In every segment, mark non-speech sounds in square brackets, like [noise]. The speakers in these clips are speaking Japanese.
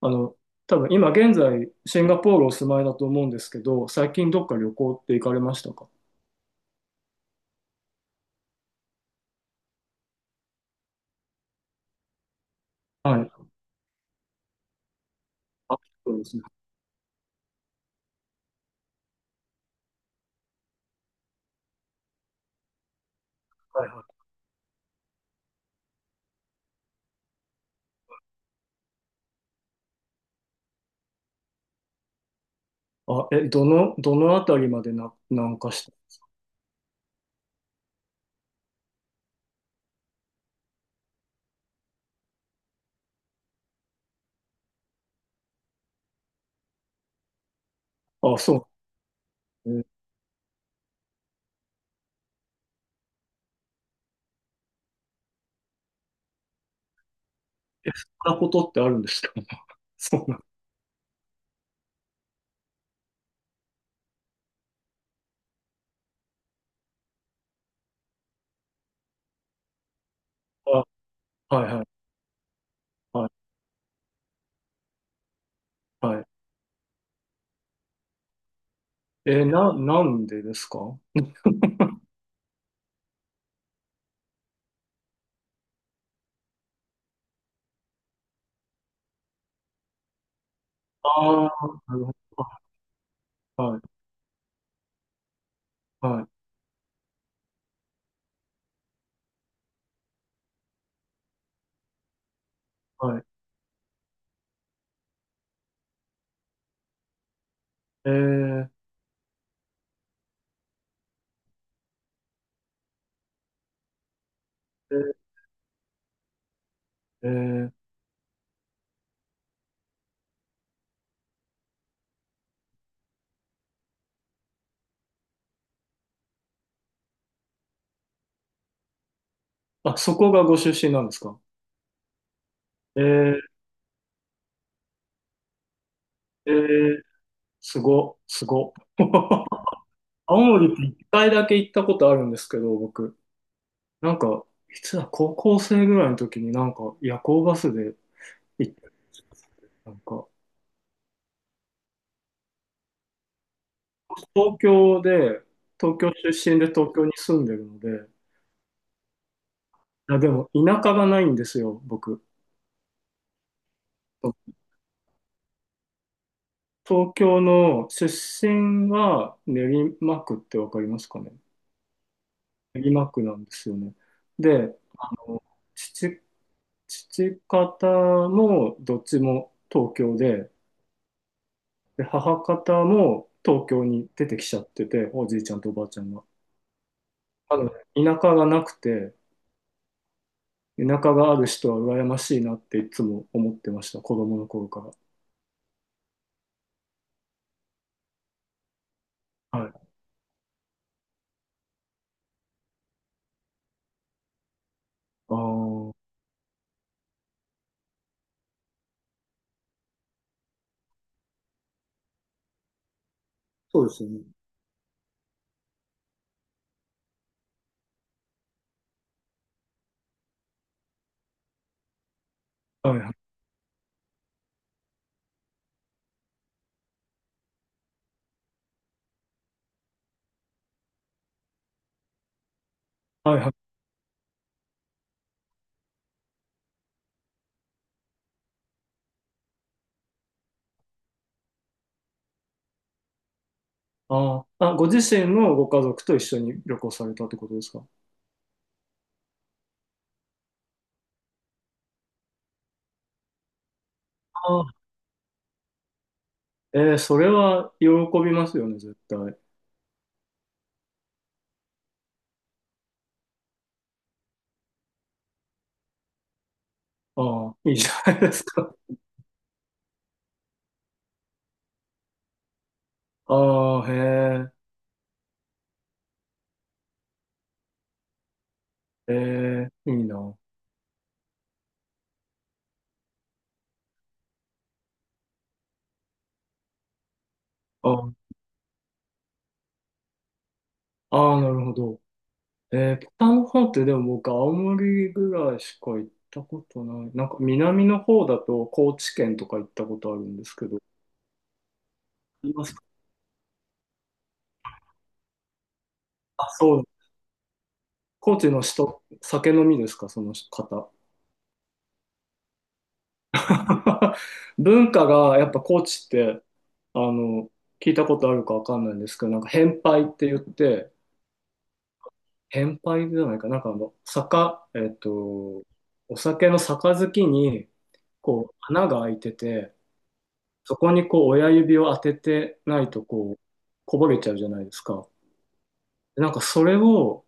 あの、多分今現在シンガポールお住まいだと思うんですけど、最近どっか旅行って行かれましたか？はい。あ、そうですね。はいはい。あ、どのあたりまでな、南下したあ、そうなんですね。え、そんなことってあるんですか？ [laughs] そうなんだ。あ、はいはい。はいはい。え、なんでですか？ああー、なるほど。はいはいはい。えー、えー、えーあ、そこがご出身なんですか？えー、えー、すご、すご。[laughs] 青森って一回だけ行ったことあるんですけど、僕、なんか、いつだ、高校生ぐらいの時になんか夜行バスで行ったんですよ。なんか、東京で、東京出身で東京に住んでるので、いやでも田舎がないんですよ、僕。東京の出身は練馬区ってわかりますかね？練馬区なんですよね。で、父、父方もどっちも東京で、で、母方も東京に出てきちゃってて、おじいちゃんとおばあちゃんが。あの、田舎がなくて、田舎がある人は羨ましいなっていつも思ってました、子供の頃から。はい。ああ、そうですよね。はいはい。はいはい。ご自身のご家族と一緒に旅行されたってことですか？ああ。それは喜びますよね、絶対。ああ、いいじゃないですか。ああ、へえ、ええ、いいな。ああ、ああなるほど。北の方ってでも僕、青森ぐらいしか行ったことない。なんか南の方だと高知県とか行ったことあるんですけど。いますか？あ、そう。高知の人、酒飲みですか、その方？[laughs] 文化がやっぱ高知って、あの、聞いたことあるかわかんないんですけど、なんか変杯って言って、変杯じゃないか、なんかえっと、お酒の杯に、こう、穴が開いてて、そこにこう親指を当ててないとこう、こぼれちゃうじゃないですか。でなんかそれを、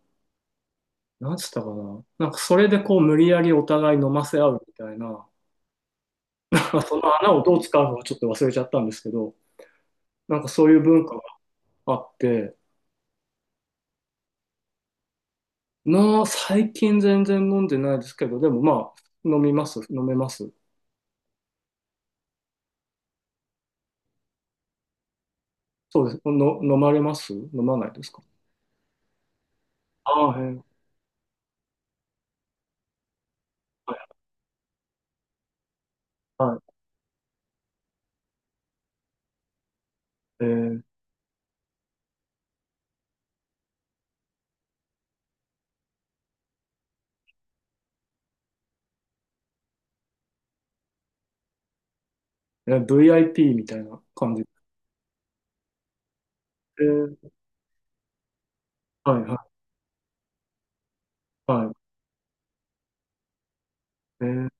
なんつったかな。なんかそれでこう無理やりお互い飲ませ合うみたいな、まあ、その穴をどう使うのかちょっと忘れちゃったんですけど、なんかそういう文化があって、まあ最近全然飲んでないですけど、でもまあ飲みます、飲めます。そうです。飲まれます飲まないですか？ああ、へえ。はい、はい。VIP みたいな感じ。えーはい、はい、はい。えー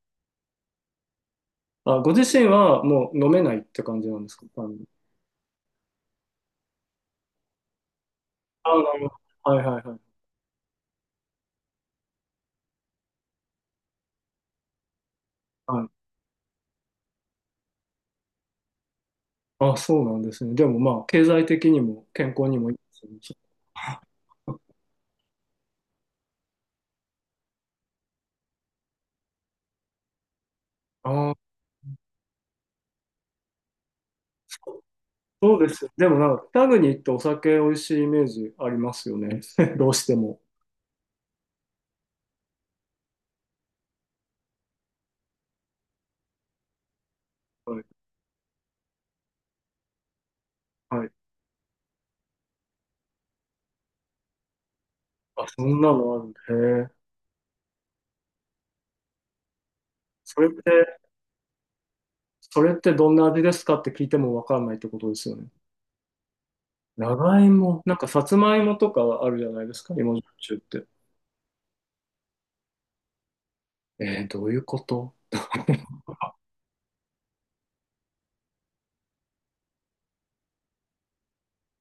あ、ご自身はもう飲めないって感じなんですか？あ、なるほど。はいはいはい。はい。あ、そうなんですね。でもまあ、経済的にも健康にもいいですよね。ああ、そうそうですよ。でもなんか、北国行ってお酒美味しいイメージありますよね。[laughs] どうしても。はい。はい。あ、そんなのある。へえ。それって、それってどんな味ですかって聞いてもわかんないってことですよね。長芋、なんかさつまいもとかあるじゃないですか、芋焼酎って。えー、どういうこと？ [laughs]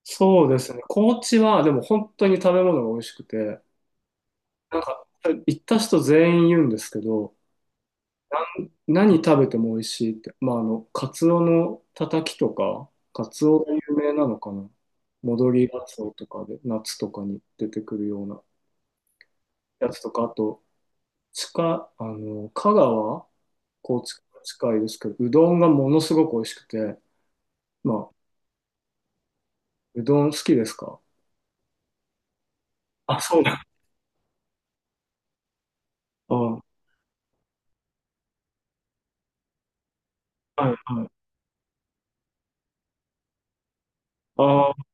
そうですね。高知は、でも本当に食べ物が美味しくて、なんか、行った人全員言うんですけど、何食べても美味しいって。まあ、カツオのたたきとか、カツオが有名なのかな。戻りガツオとかで、夏とかに出てくるようなやつとか、あと、近、あの、香川、高知から近いですけど、うどんがものすごく美味しくて、まあ、うどん好きですか？あ、そうだ。あ、はい、はい。あ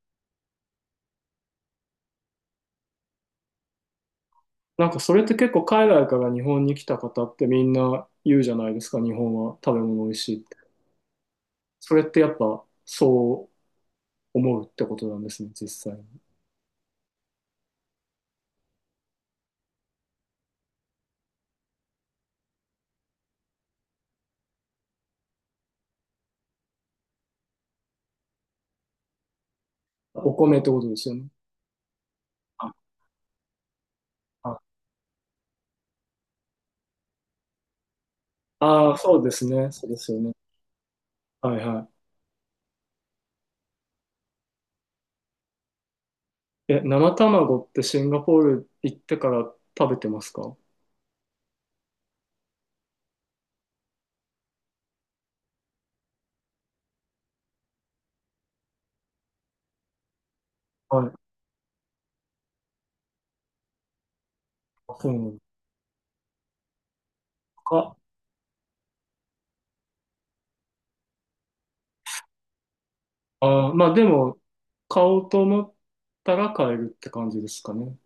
なんかそれって結構海外から日本に来た方ってみんな言うじゃないですか、日本は食べ物美味しいって。それってやっぱそう思うってことなんですね、実際に。お米ってことですよね。ああ、そうですね。そうですよね。はいはい。え、生卵ってシンガポール行ってから食べてますか？はい。そうなのか。ああ、まあでも、買おうと思ったら買えるって感じですかね。